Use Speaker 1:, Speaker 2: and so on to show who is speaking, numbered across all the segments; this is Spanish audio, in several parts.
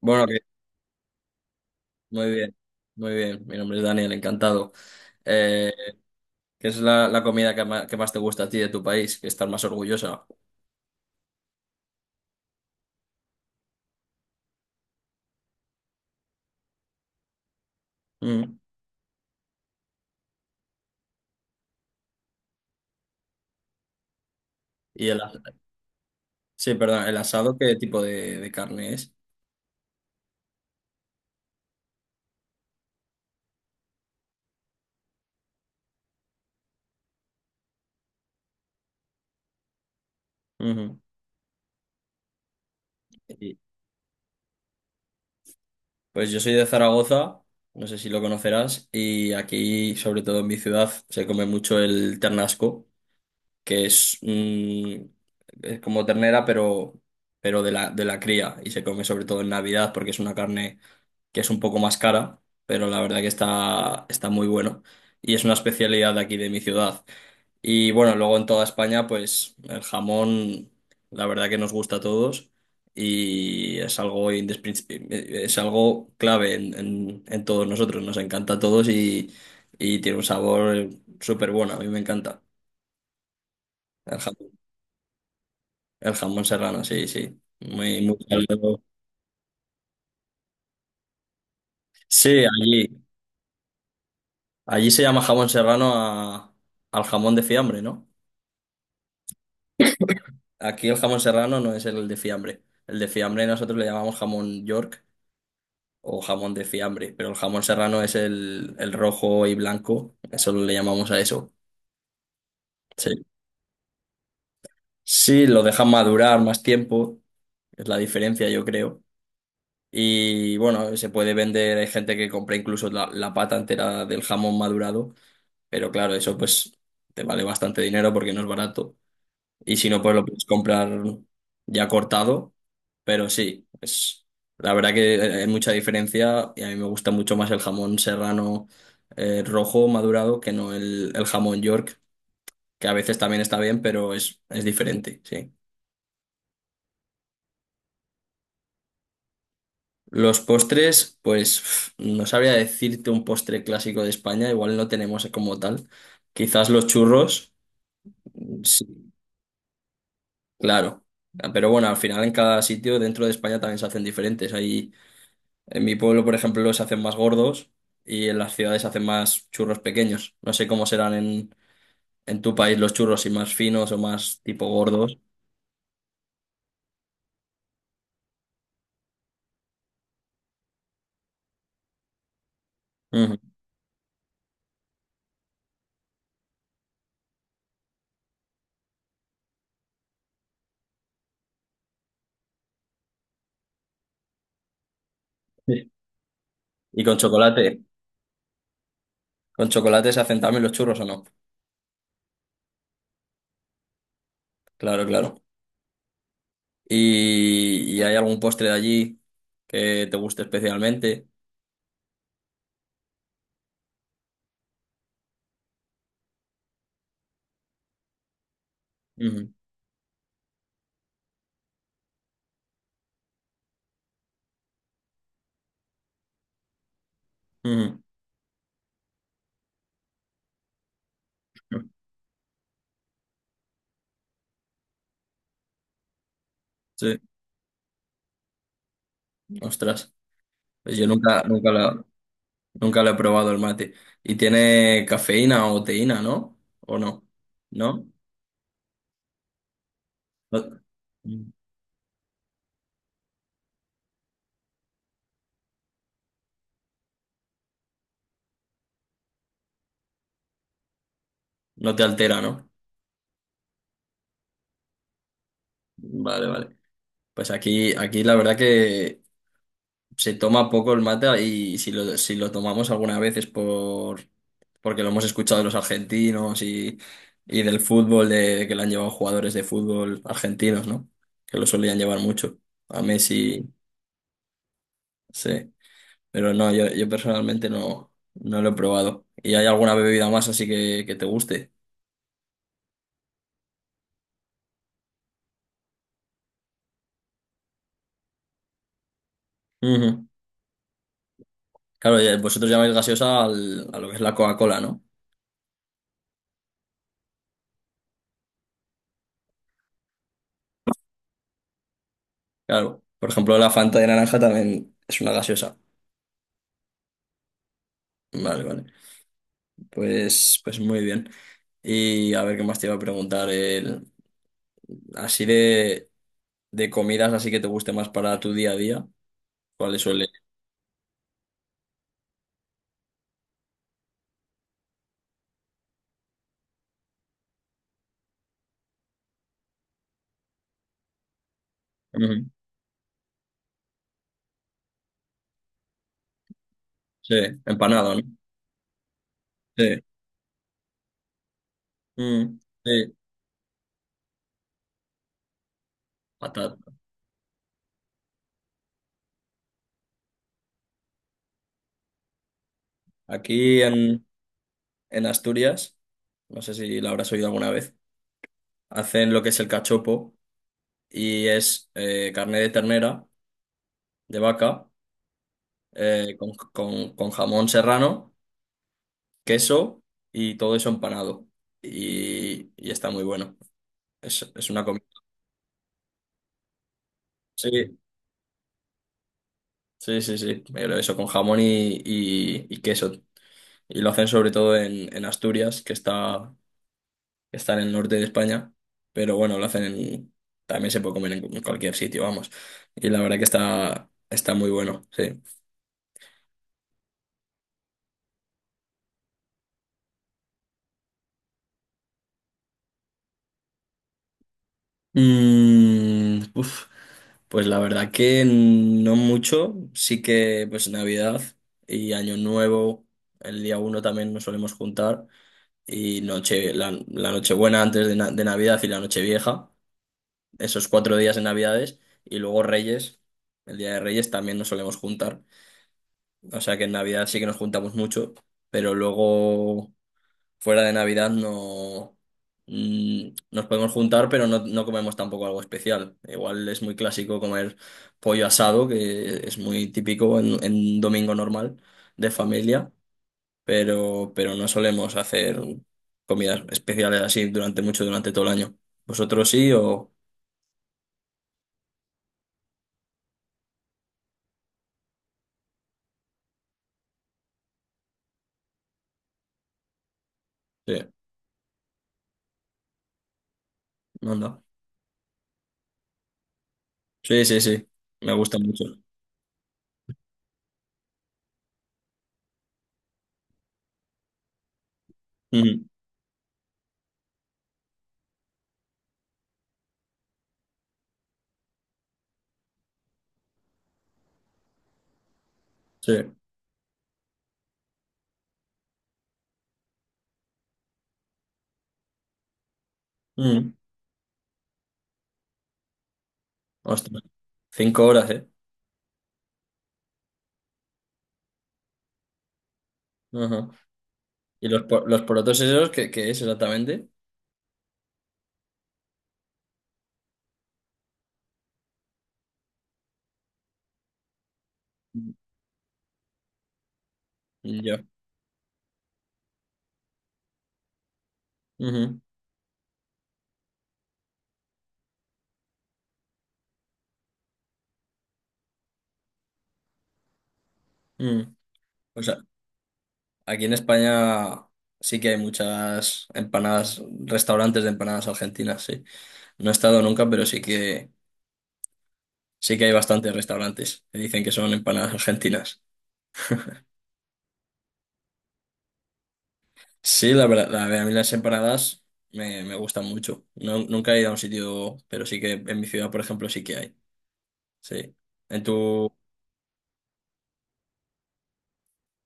Speaker 1: Bueno, muy bien, muy bien. Mi nombre es Daniel, encantado. Eh, ¿Qué es la comida que más te gusta a ti de tu país? Que estás más orgullosa. Mm. Y el, as- sí, perdón, el asado, ¿qué tipo de carne es? Ujú. Y- pues yo soy de Zaragoza, no sé si lo conocerás, y aquí, sobre todo en mi ciudad, se come mucho el ternasco, que es, es como ternera, pero, pero de la cría, y se come sobre todo en Navidad porque es una carne que es un poco más cara, pero la verdad que está muy bueno. Y es una especialidad de aquí de mi ciudad. Y bueno, luego en toda España, pues el jamón, la verdad que nos gusta a todos y es algo, es algo clave en todos nosotros. Nos encanta a todos y tiene un sabor súper bueno. A mí me encanta el jamón, el jamón serrano, sí, sí. Muy, muy salado. Sí, allí. Allí se llama jamón serrano al jamón de fiambre, ¿no? Aquí el jamón serrano no es el de fiambre. El de fiambre nosotros le llamamos jamón York o jamón de fiambre, pero el jamón serrano es el rojo y blanco, eso le llamamos a eso. Sí. Sí, lo dejan madurar más tiempo, es la diferencia yo creo. Y bueno, se puede vender, hay gente que compra incluso la pata entera del jamón madurado, pero claro, eso pues te vale bastante dinero porque no es barato. Y si no, pues lo puedes comprar ya cortado. Pero sí, es la verdad que hay mucha diferencia y a mí me gusta mucho más el jamón serrano, rojo madurado que no el jamón York, que a veces también está bien, pero es diferente, sí. Los postres, pues no sabría decirte un postre clásico de España, igual no tenemos como tal. Quizás los churros, sí, claro. Pero bueno, al final en cada sitio dentro de España también se hacen diferentes. Hay En mi pueblo, por ejemplo, los hacen más gordos y en las ciudades hacen más churros pequeños. No sé cómo serán en tu país los churros, si más finos o más tipo gordos. Ujú. Sí. Y con chocolate. ¿Con chocolate se hacen también los churros o no? Claro, claro. ¿Y hay algún postre de allí que te guste especialmente? Ujú, ujú. Sí, ostras. Pues yo nunca lo he probado el mate. ¿Y tiene cafeína o teína, no? ¿O no? ¿No? No. No te altera, ¿no? Vale, vale. Pues aquí la verdad que se toma poco el mate y si lo tomamos alguna vez es porque lo hemos escuchado de los argentinos y del fútbol, de que lo han llevado jugadores de fútbol argentinos, ¿no? Que lo solían llevar mucho. A Messi, sí. Pero no, yo personalmente no lo he probado. ¿Y hay alguna bebida más así que te guste? Ujú. Claro, vosotros llamáis gaseosa a lo que es la Coca-Cola, ¿no? Claro, por ejemplo, la Fanta de naranja también es una gaseosa. Vale, vale. Pues muy bien. Y a ver qué más te iba a preguntar, así de comidas, así que te guste más para tu día a día. ¿Cuáles suele? Ujú. Sí, empanada, ¿no? Sí. Mm, sí, patata. Aquí en Asturias, no sé si la habrás oído alguna vez, hacen lo que es el cachopo y es carne de ternera, de vaca, con jamón serrano, queso y todo eso empanado. Y está muy bueno. Es una comida. Sí, sí, sí, sí. Pero eso con jamón y queso. Y lo hacen sobre todo en Asturias, que está en el norte de España. Pero bueno, lo hacen también se puede comer en cualquier sitio, vamos. Y la verdad que está muy bueno, sí. Mm, uf. Pues la verdad que no mucho, sí que pues Navidad y Año Nuevo, el día 1 también nos solemos juntar y noche, la Nochebuena antes de Navidad y la Nochevieja, esos 4 días de Navidades y luego Reyes, el día de Reyes también nos solemos juntar, o sea que en Navidad sí que nos juntamos mucho, pero luego fuera de Navidad no nos podemos juntar, pero no comemos tampoco algo especial. Igual es muy clásico comer pollo asado, que es muy típico en un domingo normal de familia, pero no solemos hacer comidas especiales así durante mucho, durante todo el año. ¿Vosotros sí o...? Sí, anda. Sí, sí, sí. Me gusta mucho. Ujú, sí. Ujú. Ostras. 5 horas, ¿eh? Ajá. ¿Y los porotos esos, qué es exactamente? Ya. Ujú, ujú. O sea, aquí en España sí que hay muchas empanadas, restaurantes de empanadas argentinas, sí. No he estado nunca, pero sí que hay bastantes restaurantes que dicen que son empanadas argentinas. Sí, la verdad, a mí las empanadas me gustan mucho. No, nunca he ido a un sitio, pero sí que en mi ciudad, por ejemplo, sí que hay. Sí. En tu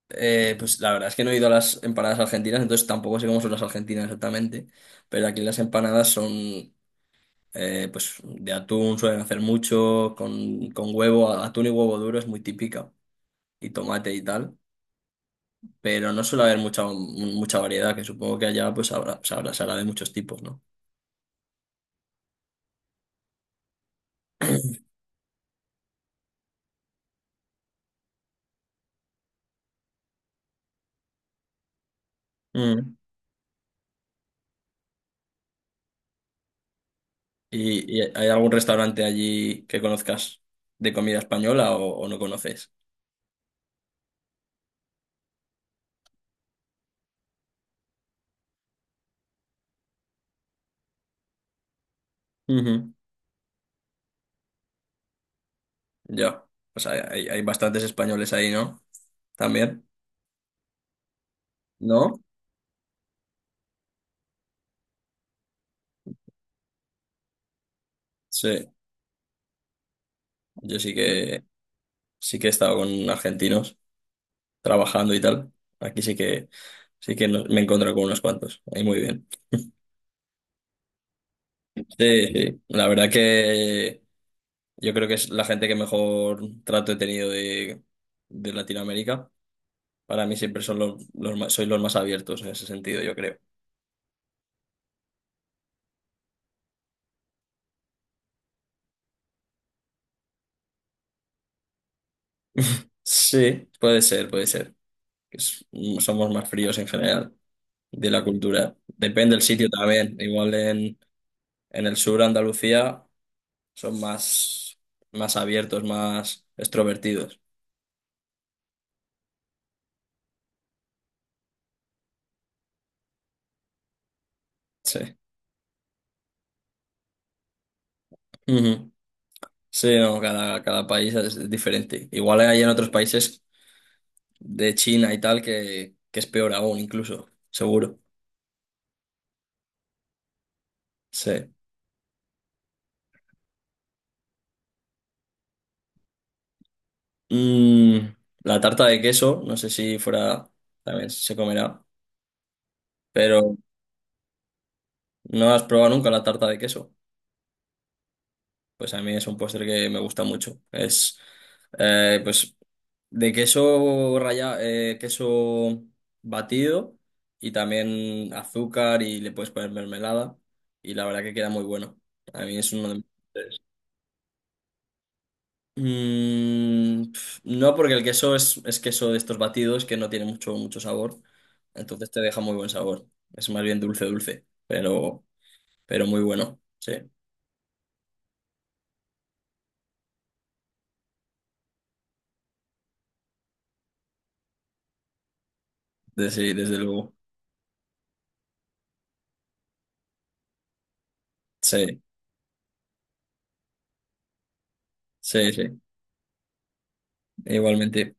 Speaker 1: Pues la verdad es que no he ido a las empanadas argentinas, entonces tampoco sé cómo son las argentinas exactamente. Pero aquí las empanadas son. Pues de atún suelen hacer mucho, con huevo, atún y huevo duro es muy típica, y tomate y tal, pero no suele haber mucha, mucha variedad, que supongo que allá pues se hará de muchos tipos, ¿no? Mm. ¿Y hay algún restaurante allí que conozcas de comida española o no conoces? Ujú. Ya, pues hay bastantes españoles ahí, ¿no? También, ¿no? Sí, yo sí que, sí que he estado con argentinos, trabajando y tal. Aquí sí que me he encontrado con unos cuantos. Ahí muy bien. Sí, sí. La verdad que yo creo que es la gente que mejor trato he tenido de Latinoamérica. Para mí siempre son los más, soy los más abiertos en ese sentido, yo creo. Sí, puede ser, puede ser. Es- Somos más fríos en general de la cultura. Depende del sitio también. Igual en el sur, Andalucía, son más abiertos, más extrovertidos. Sí. Ujú. Sí, no, cada país es diferente. Igual hay en otros países de China y tal que es peor aún, incluso, seguro. Sí. Mm, la tarta de queso, no sé si fuera, también se comerá, pero ¿no has probado nunca la tarta de queso? Pues a mí es un postre que me gusta mucho. Es, pues de queso rallado, queso batido y también azúcar y le puedes poner mermelada y la verdad que queda muy bueno. A mí es uno de mis favoritos. No, porque el queso es queso de estos batidos que no tiene mucho, mucho sabor, entonces te deja muy buen sabor. Es más bien dulce, dulce, pero muy bueno, sí, desde luego. Sí, sí, sí, igualmente.